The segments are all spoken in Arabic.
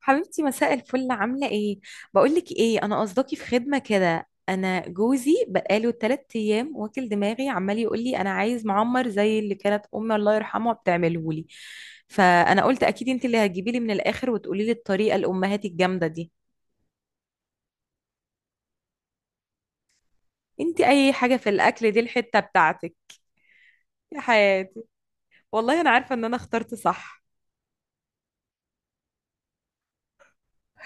حبيبتي مساء الفل، عاملة ايه؟ بقولك ايه، انا قصدكي في خدمة كده. انا جوزي بقاله تلات ايام واكل دماغي، عمال يقولي انا عايز معمر زي اللي كانت امي الله يرحمها بتعملهولي. فانا قلت اكيد انت اللي هتجيبي لي من الاخر وتقولي لي الطريقة الامهات الجامدة دي. انت اي حاجة في الاكل دي الحتة بتاعتك. يا حياتي، والله انا عارفة ان انا اخترت صح.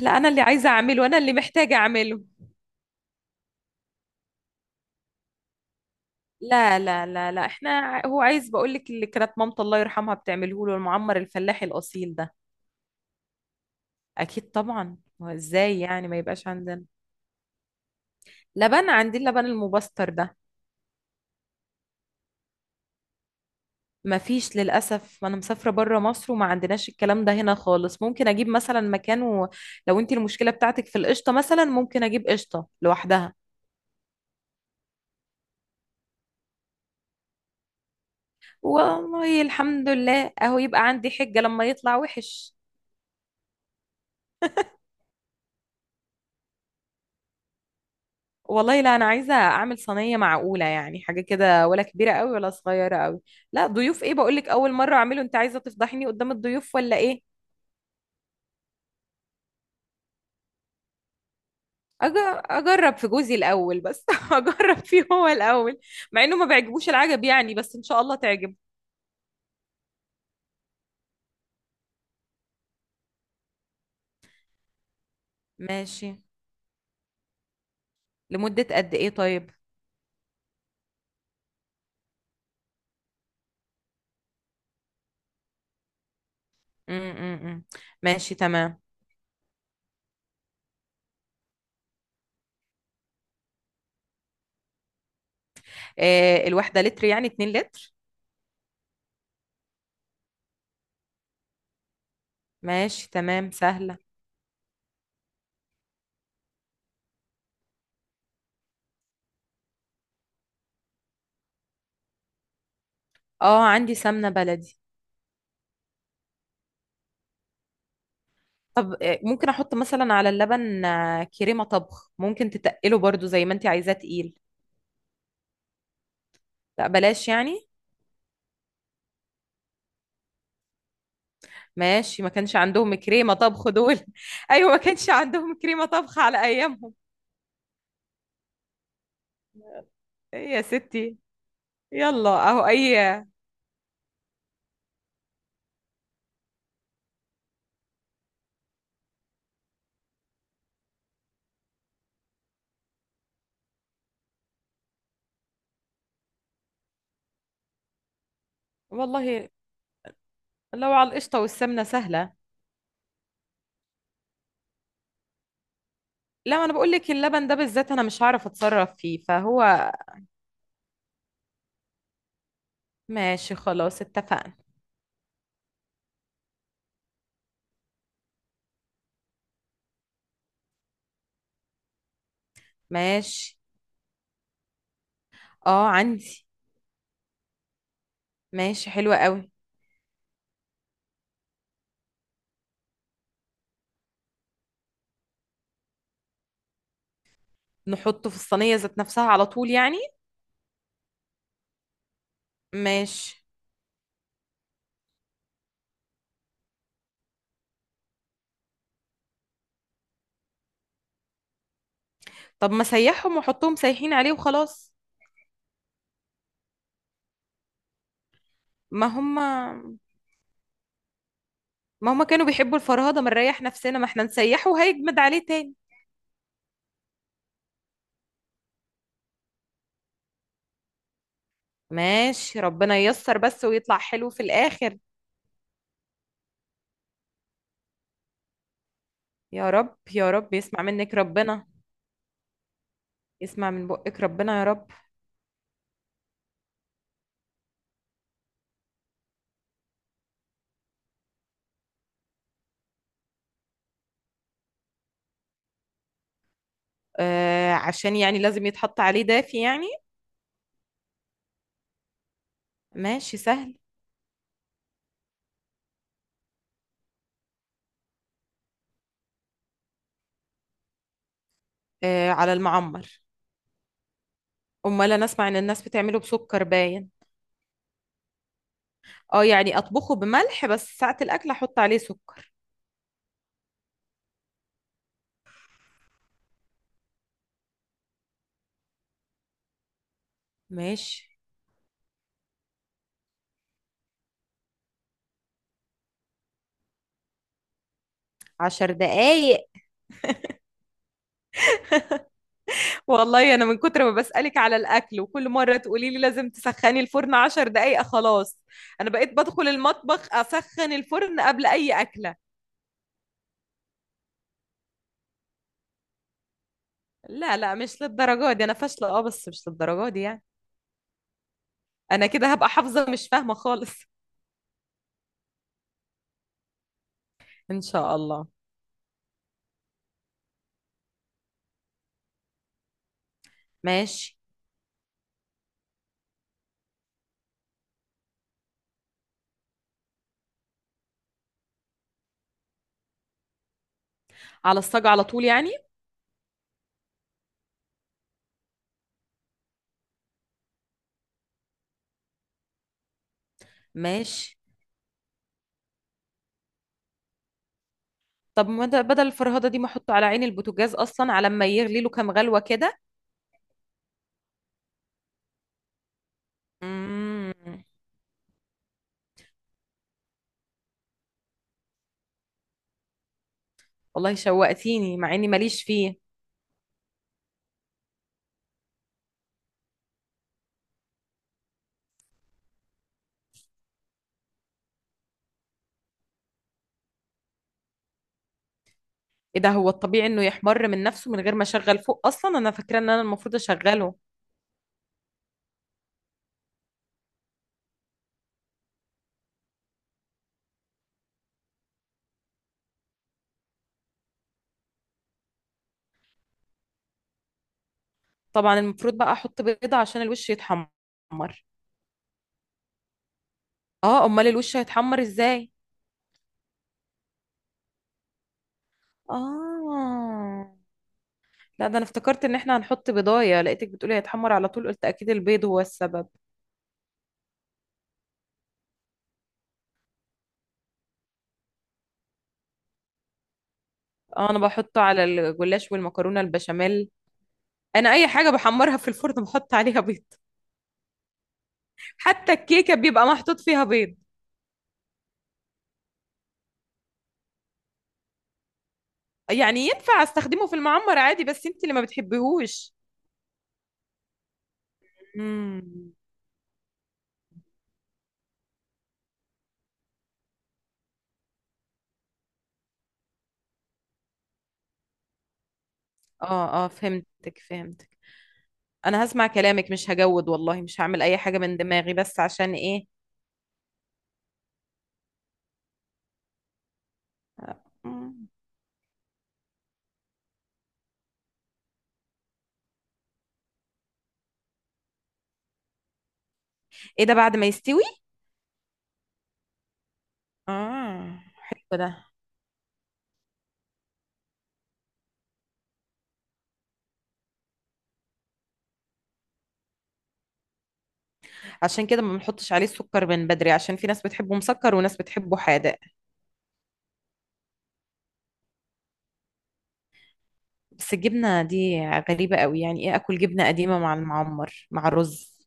لا، انا اللي عايزة اعمله، انا اللي محتاجة اعمله. لا لا لا لا، احنا هو عايز، بقول لك اللي كانت مامته الله يرحمها بتعمله له المعمر الفلاحي الاصيل ده. اكيد طبعا، هو ازاي يعني ما يبقاش عندنا. لبن عندي، اللبن المبستر ده. ما فيش للاسف، ما انا مسافره بره مصر وما عندناش الكلام ده هنا خالص. ممكن اجيب مثلا مكانه. لو انت المشكله بتاعتك في القشطه مثلا، ممكن اجيب قشطه لوحدها. والله الحمد لله اهو، يبقى عندي حجه لما يطلع وحش. والله لا، انا عايزه اعمل صينيه معقوله يعني، حاجه كده، ولا كبيره قوي ولا صغيره قوي. لا ضيوف ايه، بقول لك اول مره اعمله. انت عايزه تفضحيني قدام الضيوف ولا ايه؟ اجرب في جوزي الاول بس اجرب فيه هو الاول. مع انه ما بيعجبوش العجب يعني، بس ان شاء الله تعجب. ماشي. لمده قد ايه طيب؟ امم ماشي تمام. إيه، الواحده لتر يعني 2 لتر. ماشي تمام، سهله. اه عندي سمنه بلدي. طب ممكن احط مثلا على اللبن كريمة طبخ، ممكن تتقله برضو زي ما انت عايزاه تقيل. لا بلاش يعني. ماشي، ما كانش عندهم كريمة طبخ دول. ايوه، ما كانش عندهم كريمة طبخ على ايامهم. إيه يا ستي. يلا اهو اي. والله لو على القشطة والسمنة سهلة. لا انا بقول لك اللبن ده بالذات انا مش هعرف اتصرف فيه فهو. ماشي خلاص، اتفقنا. ماشي. اه عندي. ماشي، حلوة قوي. نحطه في الصينية ذات نفسها على طول يعني. ماشي. طب ما سيحهم وحطهم سايحين عليه وخلاص. ما هم ما هم كانوا بيحبوا الفرهدة، ما نريح نفسنا، ما احنا نسيحه وهيجمد عليه تاني. ماشي ربنا ييسر بس ويطلع حلو في الآخر. يا رب يا رب يسمع منك ربنا. يسمع من بقك ربنا يا رب. آه عشان يعني لازم يتحط عليه دافي يعني. ماشي سهل. آه على المعمر. امال انا اسمع ان الناس بتعمله بسكر باين. اه يعني اطبخه بملح بس ساعة الاكل احط عليه سكر. ماشي. عشر دقايق. والله انا من كتر ما بسألك على الاكل وكل مرة تقولي لي لازم تسخني الفرن عشر دقايق خلاص. انا بقيت بدخل المطبخ اسخن الفرن قبل اي اكلة. لا لا مش للدرجة دي انا فاشلة، اه بس مش للدرجة دي يعني. انا كده هبقى حافظة، مش فاهمة خالص. ان شاء الله. ماشي. على الصاج على طول يعني. ماشي. طب ما ده- بدل الفرهدة دي ما احطه على عين البوتاجاز اصلا على ما يغلي له كام غلوة كده. مم. والله شوقتيني مع اني ماليش فيه. ايه ده، هو الطبيعي انه يحمر من نفسه من غير ما اشغل فوق؟ اصلا انا فاكره ان انا المفروض اشغله. طبعا المفروض بقى احط بيضه عشان الوش يتحمر. اه، امال الوش هيتحمر ازاي. اه لا، ده انا افتكرت ان احنا هنحط بيضايه، لقيتك بتقولي هيتحمر على طول، قلت اكيد البيض هو السبب. اه انا بحطه على الجلاش والمكرونه البشاميل. انا اي حاجه بحمرها في الفرن بحط عليها بيض. حتى الكيكه بيبقى محطوط فيها بيض. يعني ينفع استخدمه في المعمر عادي، بس انت اللي ما بتحبيهوش. مم. اه اه، فهمتك فهمتك. انا هسمع كلامك مش هجود والله، مش هعمل اي حاجة من دماغي، بس عشان ايه. مم. ايه ده، بعد ما يستوي؟ اه حلو ده. عشان كده ما بنحطش عليه السكر من بدري، عشان في ناس بتحبه مسكر وناس بتحبه حادق. بس الجبنة دي غريبة قوي، يعني ايه اكل جبنة قديمة مع المعمر مع الرز.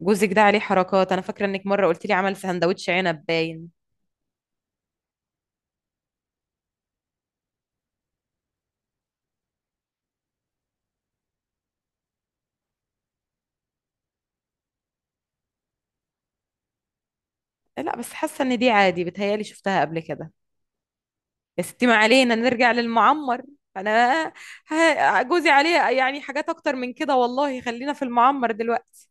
جوزك ده عليه حركات، انا فاكرة انك مرة قلت لي عمل سندوتش عنب باين. لا بس حاسة ان دي عادي، بتهيالي شفتها قبل كده. يا ستي ما علينا، نرجع للمعمر. انا جوزي عليه يعني حاجات اكتر من كده والله، خلينا في المعمر دلوقتي.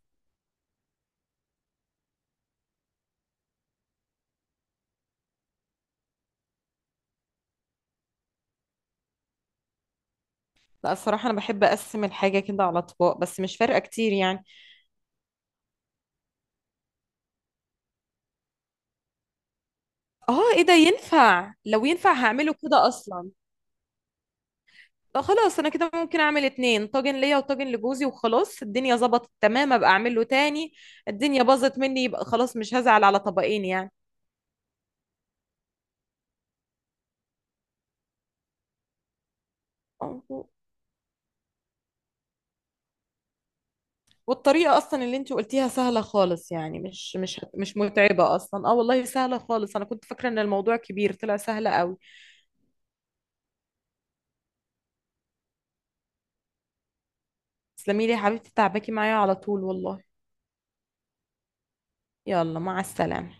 لا الصراحة أنا بحب أقسم الحاجة كده على أطباق، بس مش فارقة كتير يعني. آه إيه ده، ينفع؟ لو ينفع هعمله كده أصلا. طب خلاص، أنا كده ممكن أعمل اتنين طاجن، ليا وطاجن لجوزي، وخلاص الدنيا ظبطت تمام، أبقى أعمله تاني. الدنيا باظت مني يبقى خلاص، مش هزعل على طبقين يعني. والطريقة أصلا اللي أنت قلتيها سهلة خالص يعني، مش متعبة أصلا. أه والله سهلة خالص، أنا كنت فاكرة إن الموضوع كبير طلع سهلة قوي. تسلمي لي يا حبيبتي، تعبكي معايا على طول والله. يلا مع السلامة.